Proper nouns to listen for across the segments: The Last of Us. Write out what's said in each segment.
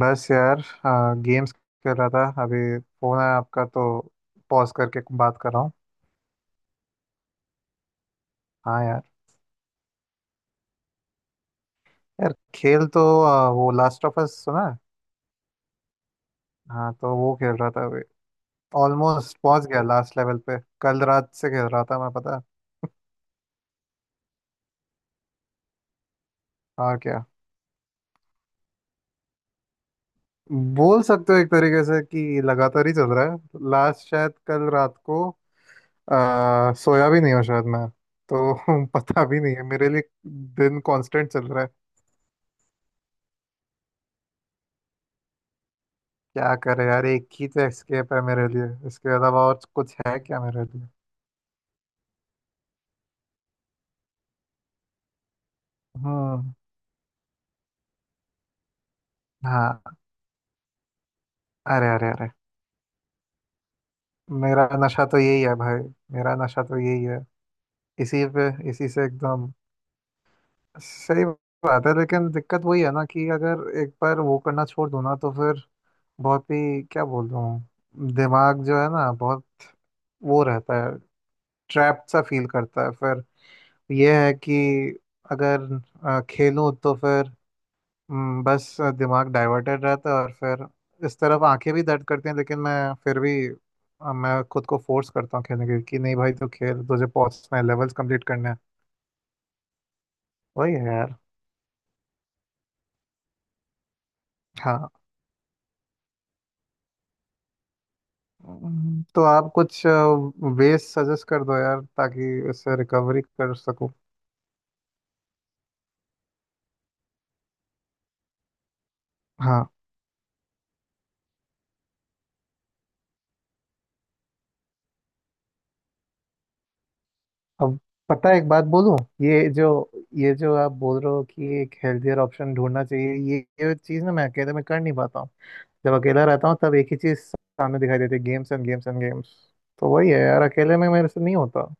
बस यार। गेम्स खेल रहा था अभी। फोन है आपका तो पॉज करके बात कर रहा हूँ। हाँ यार। यार खेल तो वो लास्ट ऑफ अस सुना है? हाँ तो वो खेल रहा था अभी। ऑलमोस्ट पहुंच गया लास्ट लेवल पे, कल रात से खेल रहा था मैं, पता है? और क्या। बोल सकते हो एक तरीके से कि लगातार ही चल रहा है, लास्ट शायद कल रात को सोया भी नहीं हूँ शायद मैं। तो पता भी नहीं है, मेरे लिए दिन कांस्टेंट चल रहा है। क्या करे यार, एक ही तो एस्केप है मेरे लिए, इसके अलावा और कुछ है क्या मेरे लिए। हाँ हाँ। अरे अरे अरे। मेरा नशा तो यही है भाई। मेरा नशा तो यही है। इसी पे इसी से एकदम सही बात है, लेकिन दिक्कत वही है ना कि अगर एक बार वो करना छोड़ दूँ ना, तो फिर बहुत ही, क्या बोल रहा हूँ, दिमाग जो है ना बहुत वो रहता है, ट्रैप सा फील करता है फिर। ये है कि अगर खेलूं तो फिर बस दिमाग डाइवर्टेड रहता है और फिर इस तरफ आंखें भी दर्द करती हैं, लेकिन मैं फिर भी मैं खुद को फोर्स करता हूँ खेलने के लिए कि नहीं भाई, तो खेल, तुझे पहुंचना है, लेवल्स कंप्लीट करना है। वही है यार। हाँ। तो आप कुछ वेज सजेस्ट कर दो यार, ताकि इससे रिकवरी कर सकूँ। हाँ अब पता है, एक बात बोलूं। ये जो ये जो आप बोल रहे हो कि एक हेल्थियर ऑप्शन ढूंढना चाहिए, ये चीज़ ना मैं अकेले में कर नहीं पाता हूँ। जब अकेला रहता हूँ तब एक ही चीज सामने दिखाई देती है, games and games and games. तो वही है यार, अकेले में मेरे से नहीं होता।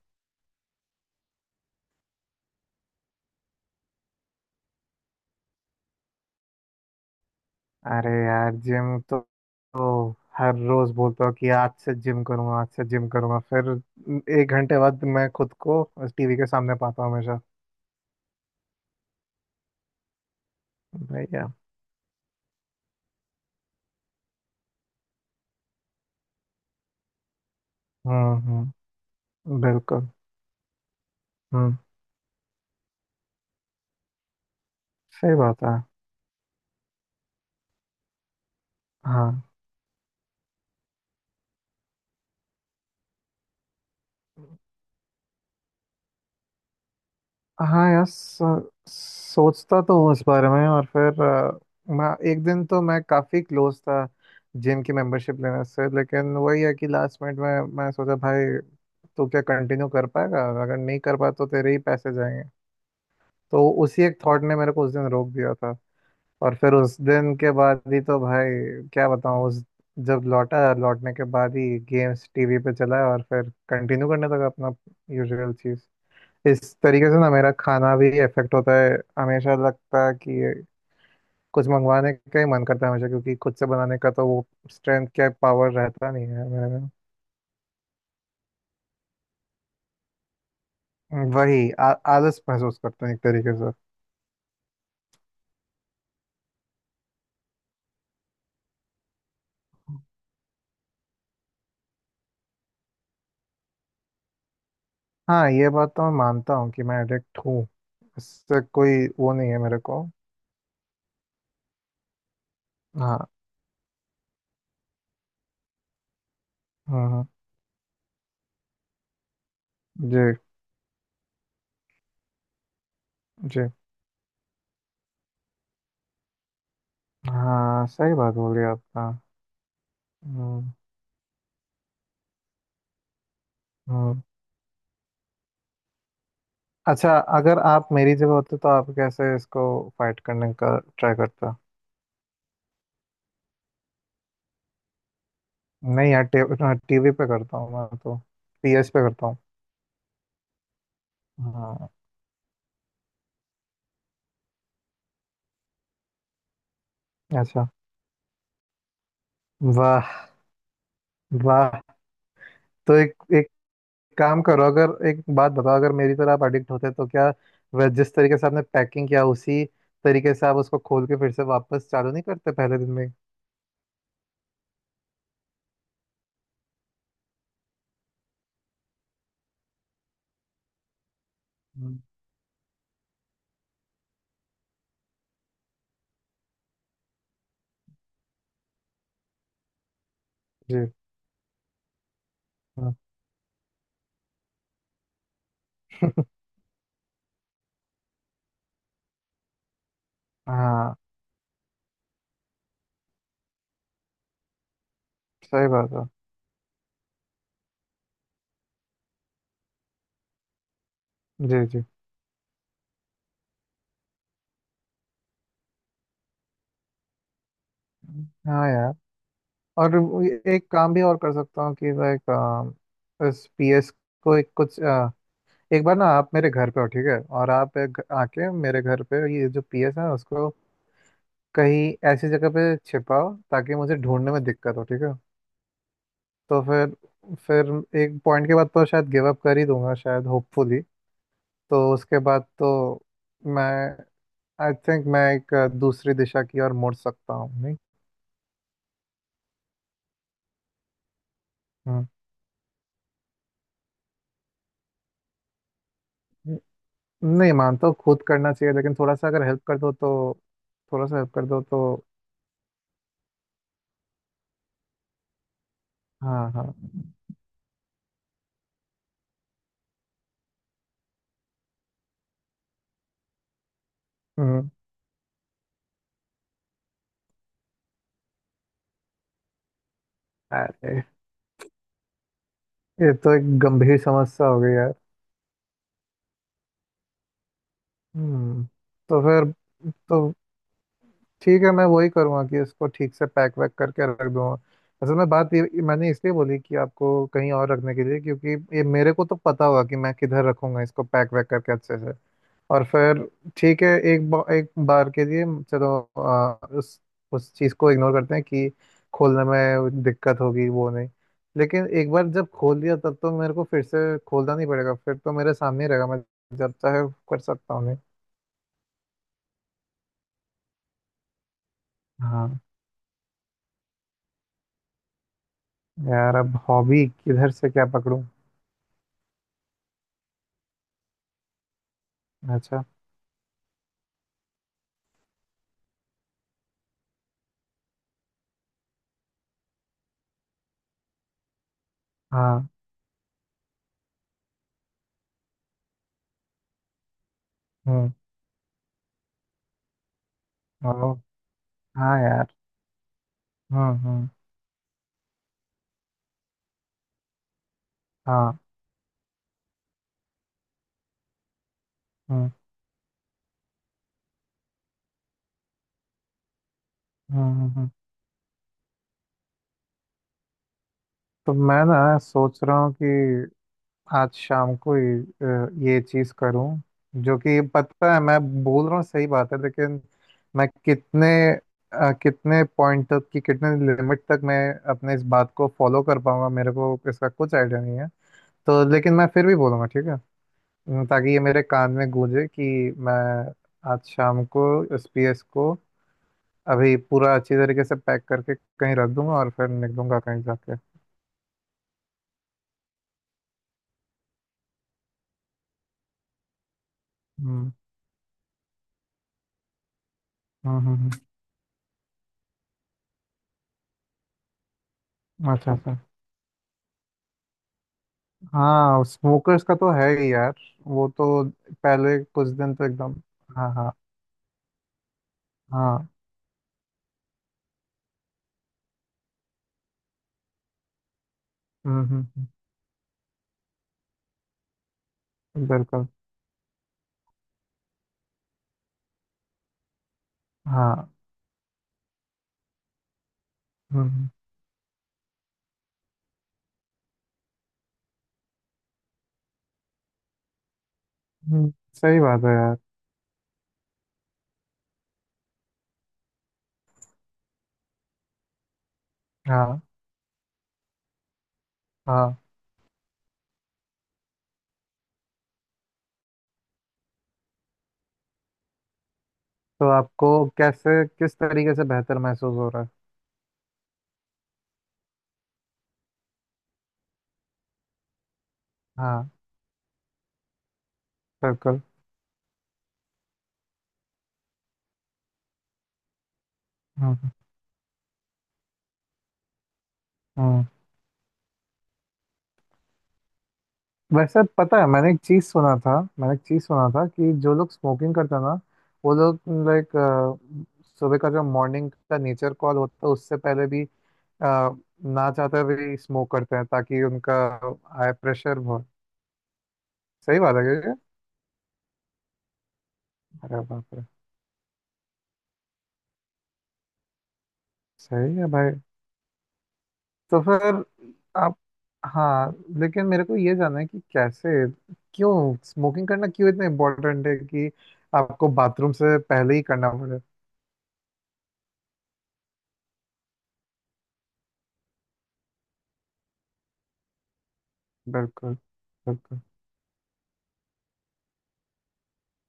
अरे यार, जिम तो हर रोज बोलता हूँ कि आज से जिम करूंगा, आज से जिम करूंगा, फिर एक घंटे बाद मैं खुद को टीवी के सामने पाता हूँ हमेशा। भैया। हम्म। बिल्कुल। हम्म। सही बात है। हाँ। हाँ यार, सोचता तो हूँ उस बारे में, और फिर मैं एक दिन तो मैं काफ़ी क्लोज था जिम की मेंबरशिप लेने से, लेकिन वही है कि लास्ट मिनट में मैं सोचा भाई, तू क्या कंटिन्यू कर पाएगा, अगर नहीं कर पाया तो तेरे ही पैसे जाएंगे। तो उसी एक थॉट ने मेरे को उस दिन रोक दिया था। और फिर उस दिन के बाद ही तो भाई, क्या बताऊँ, उस जब लौटा, लौटने के बाद ही गेम्स टीवी पे चला और फिर कंटिन्यू करने लगा अपना यूजुअल चीज़। इस तरीके से ना मेरा खाना भी इफेक्ट होता है, हमेशा लगता है कि ये कुछ मंगवाने का ही मन करता है हमेशा, क्योंकि खुद से बनाने का तो वो स्ट्रेंथ, क्या, पावर रहता नहीं है मेरे में। वही आलस महसूस करते हैं एक तरीके से। हाँ, ये बात तो मैं मानता हूँ कि मैं एडिक्ट हूँ। इससे कोई वो नहीं है मेरे को। हाँ। हम्म। जी जी। हाँ, सही बात बोली आपका। हम्म हम्म। अच्छा, अगर आप मेरी जगह होते तो आप कैसे इसको फाइट करने का ट्राई करते? नहीं यार, टीवी पे करता हूँ मैं तो। पीएस पे करता हूँ। हाँ। अच्छा। वाह वाह। तो एक एक काम करो, अगर एक बात बताओ, अगर मेरी तरह आप एडिक्ट होते तो क्या वह, जिस तरीके से आपने पैकिंग किया उसी तरीके से आप उसको खोल के फिर से वापस चालू नहीं करते पहले दिन में? हम्म। जी। हाँ हाँ, सही बात है। जी जी। हाँ यार। और वो एक काम भी और कर सकता हूँ कि लाइक इस पीएस को एक कुछ, एक बार ना आप मेरे घर पे हो ठीक है, और आप एक आके मेरे घर पे ये जो पीएस है उसको कहीं ऐसी जगह पे छिपाओ ताकि मुझे ढूंढने में दिक्कत हो, ठीक है? तो फिर, फिर एक पॉइंट के बाद तो शायद गिव अप कर ही दूंगा शायद, होपफुली। तो उसके बाद तो मैं, आई थिंक मैं एक दूसरी दिशा की ओर मुड़ सकता हूँ, नहीं? हम्म। न- नहीं मानता हूँ, खुद करना चाहिए, लेकिन थोड़ा सा अगर हेल्प कर दो तो। थोड़ा सा हेल्प कर दो तो। हाँ हाँ। हम्म। अरे, ये तो एक गंभीर समस्या हो गई यार। हम्म। तो फिर, तो ठीक है, मैं वही करूँगा कि इसको ठीक से पैक वैक करके रख दूंगा। असल में बात ये मैंने इसलिए बोली कि आपको कहीं और रखने के लिए, क्योंकि ये मेरे को तो पता होगा कि मैं किधर रखूंगा इसको पैक वैक करके अच्छे से। और फिर ठीक है, एक बार के लिए चलो उस चीज़ को इग्नोर करते हैं कि खोलने में दिक्कत होगी, वो नहीं। लेकिन एक बार जब खोल दिया, तब तो मेरे को फिर से खोलना नहीं पड़ेगा, फिर तो मेरे सामने ही रहेगा, मैं जब चाहे कर सकता हूँ, नहीं? हाँ यार, अब हॉबी किधर से क्या पकड़ूं। अच्छा। हाँ। हम्म। हेलो। हाँ यार। हम्म। हाँ। हम्म हम्म हम्म हम्म। तो मैं ना सोच रहा हूँ कि आज शाम को ये ये चीज करूं, जो कि पता है मैं बोल रहा हूँ सही बात है, लेकिन मैं कितने कितने पॉइंट तक की, कितने लिमिट तक मैं अपने इस बात को फॉलो कर पाऊंगा, मेरे को इसका कुछ आइडिया नहीं है। तो लेकिन मैं फिर भी बोलूंगा ठीक है, ताकि ये मेरे कान में गूंजे कि मैं आज शाम को एस पी एस को अभी पूरा अच्छी तरीके से पैक करके कहीं रख दूंगा और फिर निकलूंगा कहीं जाके। हम्म हम्म हम्म हम्म। अच्छा अच्छा। हाँ स्मोकर्स का तो है ही यार। वो तो पहले कुछ दिन तो एकदम। हाँ हाँ। हाँ। हम्म। बिल्कुल। हाँ। हम्म। सही बात है यार। हाँ हाँ। तो आपको कैसे, किस तरीके से बेहतर महसूस हो रहा है? हाँ। बिल्कुल। हम्म हम्म हम्म। वैसे पता है, मैंने एक चीज़ सुना था, मैंने एक चीज़ सुना था कि जो लोग स्मोकिंग करते हैं ना वो लोग, लाइक सुबह का जो मॉर्निंग का नेचर कॉल होता है उससे पहले भी आ, ना चाहते हुए भी स्मोक करते हैं, ताकि उनका हाई प्रेशर, बहुत, सही बात है क्या ये? अरे बाप रे। सही है भाई। तो फिर आप, हाँ, लेकिन मेरे को ये जानना है कि कैसे, क्यों स्मोकिंग करना क्यों इतना इम्पोर्टेंट है कि आपको बाथरूम से पहले ही करना पड़े? बिल्कुल। बिल्कुल।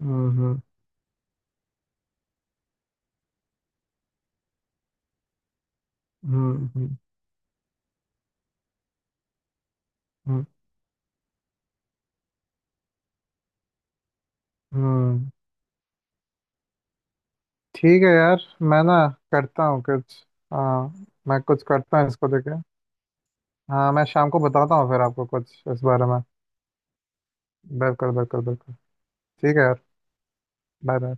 हम्म हम्म हम्म हम्म हम्म, हम्म। ठीक है यार, मैं ना करता हूँ कुछ। हाँ मैं कुछ करता हूँ इसको लेके। हाँ मैं शाम को बताता हूँ फिर आपको कुछ इस बारे में। बिल्कुल बिल्कुल बिल्कुल। ठीक है यार। Bye bye.